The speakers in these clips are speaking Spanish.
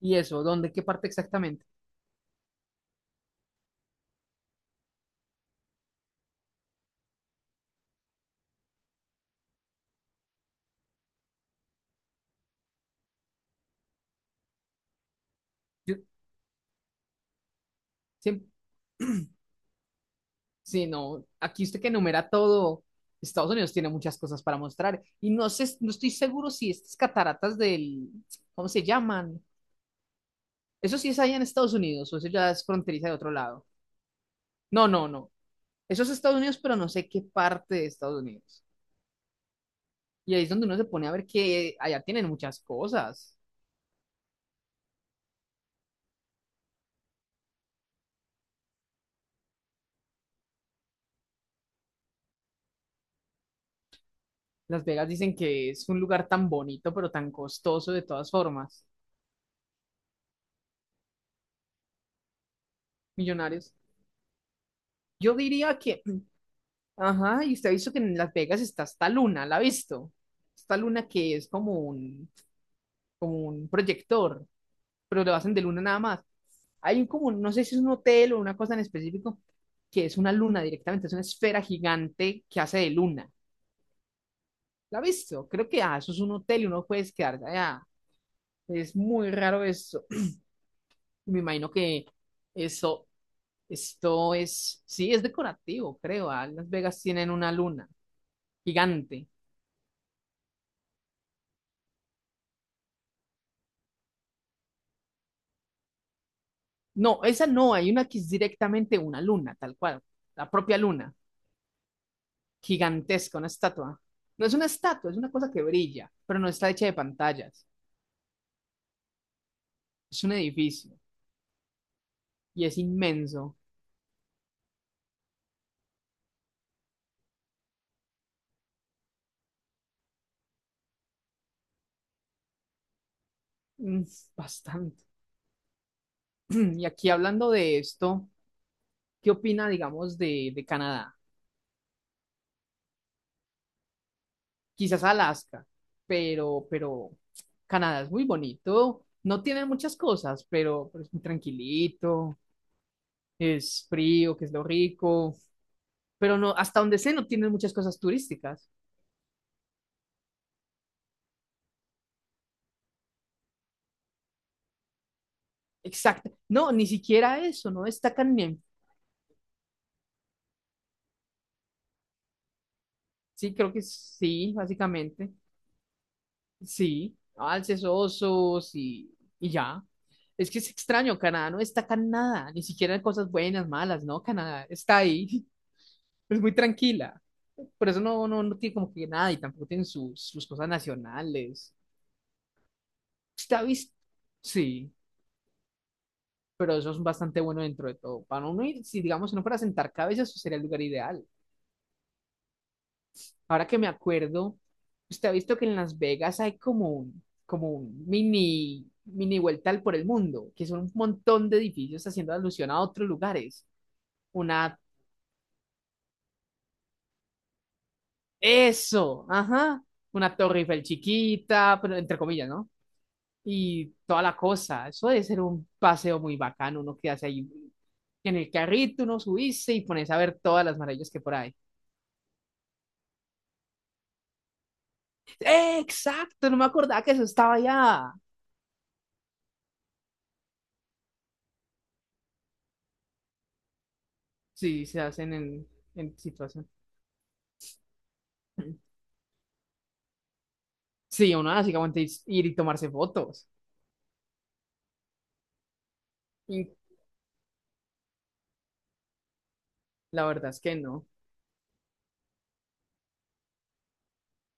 ¿Y eso? ¿Dónde? ¿Qué parte exactamente? Yo siempre, sí, no, aquí usted que enumera todo, Estados Unidos tiene muchas cosas para mostrar y no sé, no estoy seguro si estas cataratas del, ¿cómo se llaman? ¿Eso sí es allá en Estados Unidos o eso ya es fronteriza de otro lado? No, no, no. Eso es Estados Unidos, pero no sé qué parte de Estados Unidos. Y ahí es donde uno se pone a ver que allá tienen muchas cosas. Las Vegas dicen que es un lugar tan bonito, pero tan costoso de todas formas. Millonarios. Yo diría que ajá, y usted ha visto que en Las Vegas está esta luna, ¿la ha visto? Esta luna que es como un proyector, pero lo hacen de luna nada más. Hay un como, no sé si es un hotel o una cosa en específico, que es una luna directamente, es una esfera gigante que hace de luna. ¿La ha visto? Creo que eso es un hotel y uno puede quedarse allá. Es muy raro eso. Me imagino que eso, esto es, sí, es decorativo, creo. Las Vegas tienen una luna gigante. No, esa no, hay una que es directamente una luna, tal cual, la propia luna, gigantesca, una estatua. No es una estatua, es una cosa que brilla, pero no está hecha de pantallas. Es un edificio y es inmenso, mm, bastante. Y aquí hablando de esto, ¿qué opina, digamos, de Canadá? Quizás Alaska, pero Canadá es muy bonito, no tiene muchas cosas, pero es muy tranquilito, es frío, que es lo rico, pero no, hasta donde sé, no tienen muchas cosas turísticas. Exacto. No, ni siquiera eso, no destacan bien. Sí, creo que sí, básicamente. Sí, alces, osos y ya. Es que es extraño, Canadá no destaca nada, ni siquiera en cosas buenas, malas, ¿no? Canadá está ahí, es muy tranquila. Por eso no, no, no tiene como que nada y tampoco tienen sus, sus cosas nacionales. Está visto, sí, pero eso es bastante bueno dentro de todo. Para uno ir, si digamos, si no fuera a sentar cabezas, sería el lugar ideal. Ahora que me acuerdo, usted ha visto que en Las Vegas hay como un mini, mini vuelta al por el mundo, que son un montón de edificios haciendo alusión a otros lugares. Una, eso, ajá, una Torre Eiffel chiquita, pero entre comillas, ¿no? Y toda la cosa. Eso debe ser un paseo muy bacano, uno quedarse ahí en el carrito, uno subirse y pones a ver todas las maravillas que por ahí. ¡Eh, exacto! No me acordaba que eso estaba allá. Sí, se hacen en situación. Sí, uno básicamente es ir y tomarse fotos. Y la verdad es que no.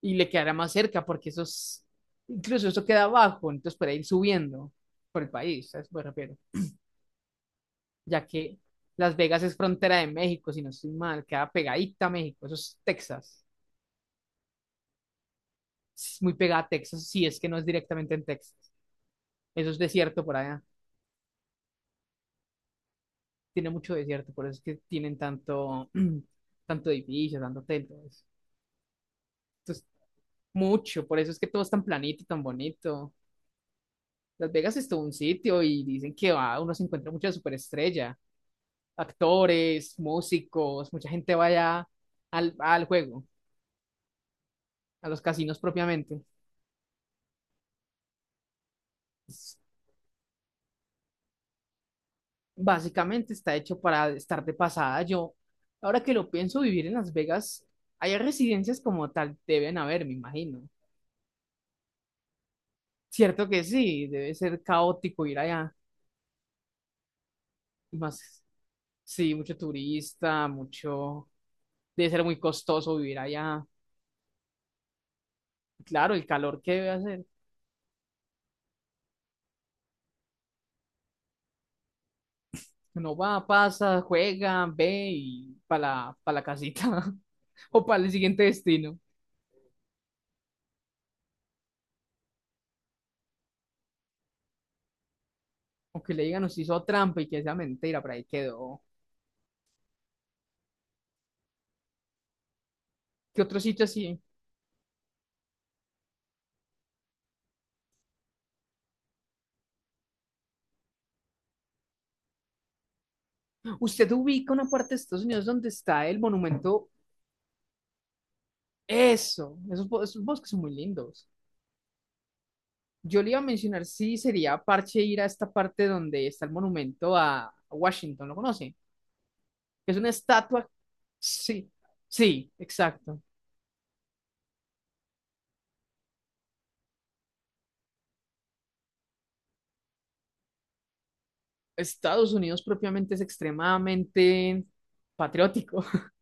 Y le quedará más cerca porque eso es, incluso eso queda abajo, entonces para ir subiendo por el país, ¿sabes? Me refiero. Ya que Las Vegas es frontera de México, si no estoy mal, queda pegadita a México, eso es Texas. Es muy pegada a Texas, si es que no es directamente en Texas. Eso es desierto por allá. Tiene mucho desierto, por eso es que tienen tanto, tanto edificio, tanto hotel, todo eso. Entonces, mucho, por eso es que todo es tan planito, tan bonito. Las Vegas es todo un sitio y dicen que va, uno se encuentra mucha superestrella, actores, músicos, mucha gente va allá al, al juego, a los casinos propiamente. Es- básicamente está hecho para estar de pasada. Yo, ahora que lo pienso, vivir en Las Vegas, hay residencias como tal, deben haber, me imagino. Cierto que sí, debe ser caótico ir allá. Y más, sí, mucho turista, mucho, debe ser muy costoso vivir allá. Claro, el calor que debe hacer. Uno va, pasa, juega, ve y para la, pa' la casita o para el siguiente destino. O que le digan, nos hizo trampa y que sea mentira, por ahí quedó. ¿Qué otro sitio así? ¿Usted ubica una parte de Estados Unidos donde está el monumento? Eso, esos, bo- esos bosques son muy lindos. Yo le iba a mencionar si sería parche ir a esta parte donde está el monumento a Washington, ¿lo conoce? Es una estatua. Sí, sí, exacto. Estados Unidos propiamente es extremadamente patriótico.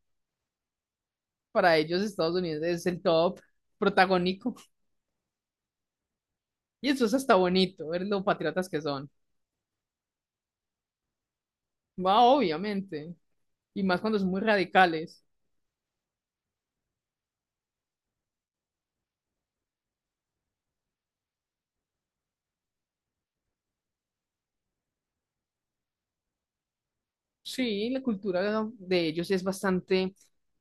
Para ellos Estados Unidos es el top protagónico. Y eso es hasta bonito, ver lo patriotas que son. Va, obviamente. Y más cuando son muy radicales. Sí, la cultura de ellos es bastante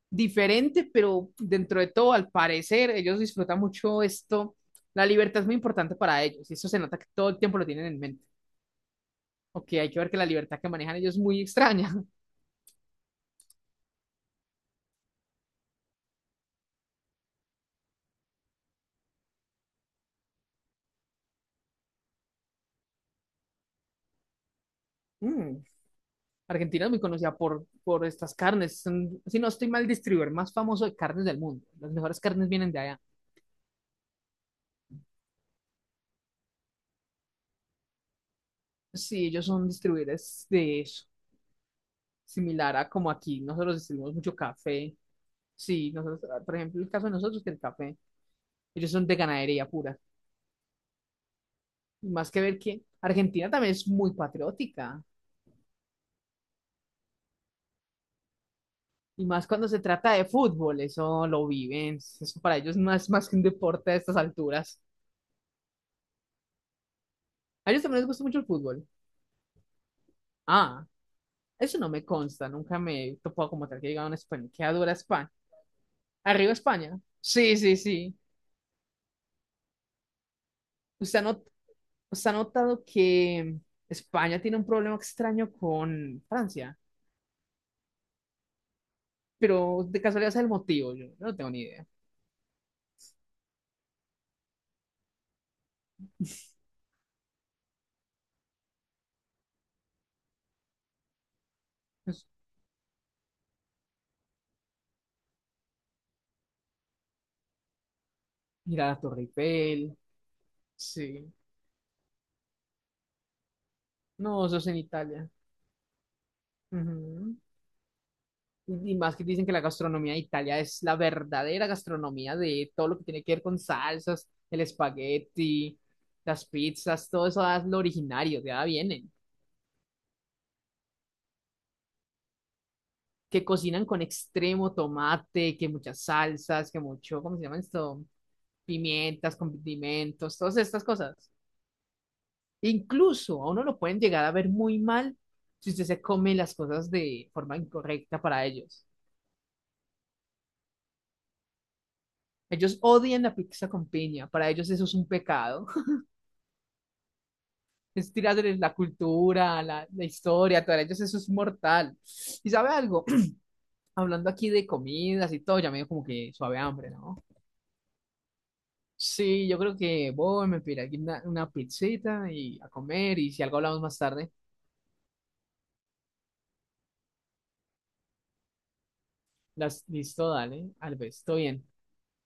diferente, pero dentro de todo, al parecer, ellos disfrutan mucho esto. La libertad es muy importante para ellos, y eso se nota que todo el tiempo lo tienen en mente. Ok, hay que ver que la libertad que manejan ellos es muy extraña. Mm. Argentina es muy conocida por estas carnes. Son, si no estoy mal, distribuidor más famoso de carnes del mundo. Las mejores carnes vienen de allá. Sí, ellos son distribuidores de eso. Similar a como aquí, nosotros distribuimos mucho café. Sí, nosotros, por ejemplo, el caso de nosotros, que el café, ellos son de ganadería pura. Y más que ver que Argentina también es muy patriótica. Y más cuando se trata de fútbol, eso lo viven. Eso para ellos no es más que un deporte a estas alturas. A ellos también les gusta mucho el fútbol. Ah, Eso no me consta, nunca me he topado como tal que diga una España. ¿Qué dura España? ¿Arriba España? Sí, sí, sí. ¿Usted ha, not- usted ha notado que España tiene un problema extraño con Francia? Pero de casualidad es el motivo, yo no tengo ni idea. Pues, ir a la Torre Eiffel, sí. No, eso es en Italia. Ujú. Y más que dicen que la gastronomía de Italia es la verdadera gastronomía de todo lo que tiene que ver con salsas, el espagueti, las pizzas, todo eso es lo originario, de ahí vienen. Que cocinan con extremo tomate, que muchas salsas, que mucho, ¿cómo se llama esto? Pimientas, condimentos, todas estas cosas. Incluso a uno lo pueden llegar a ver muy mal si usted se come las cosas de forma incorrecta para ellos. Ellos odian la pizza con piña, para ellos eso es un pecado. Es tirarles la cultura, la historia, para ellos eso es mortal. ¿Y sabe algo? Hablando aquí de comidas y todo, ya me dio como que suave hambre, ¿no? Sí, yo creo que voy, me pediré aquí una pizzita y a comer, y si algo hablamos más tarde, las, listo, dale, Alves, todo bien.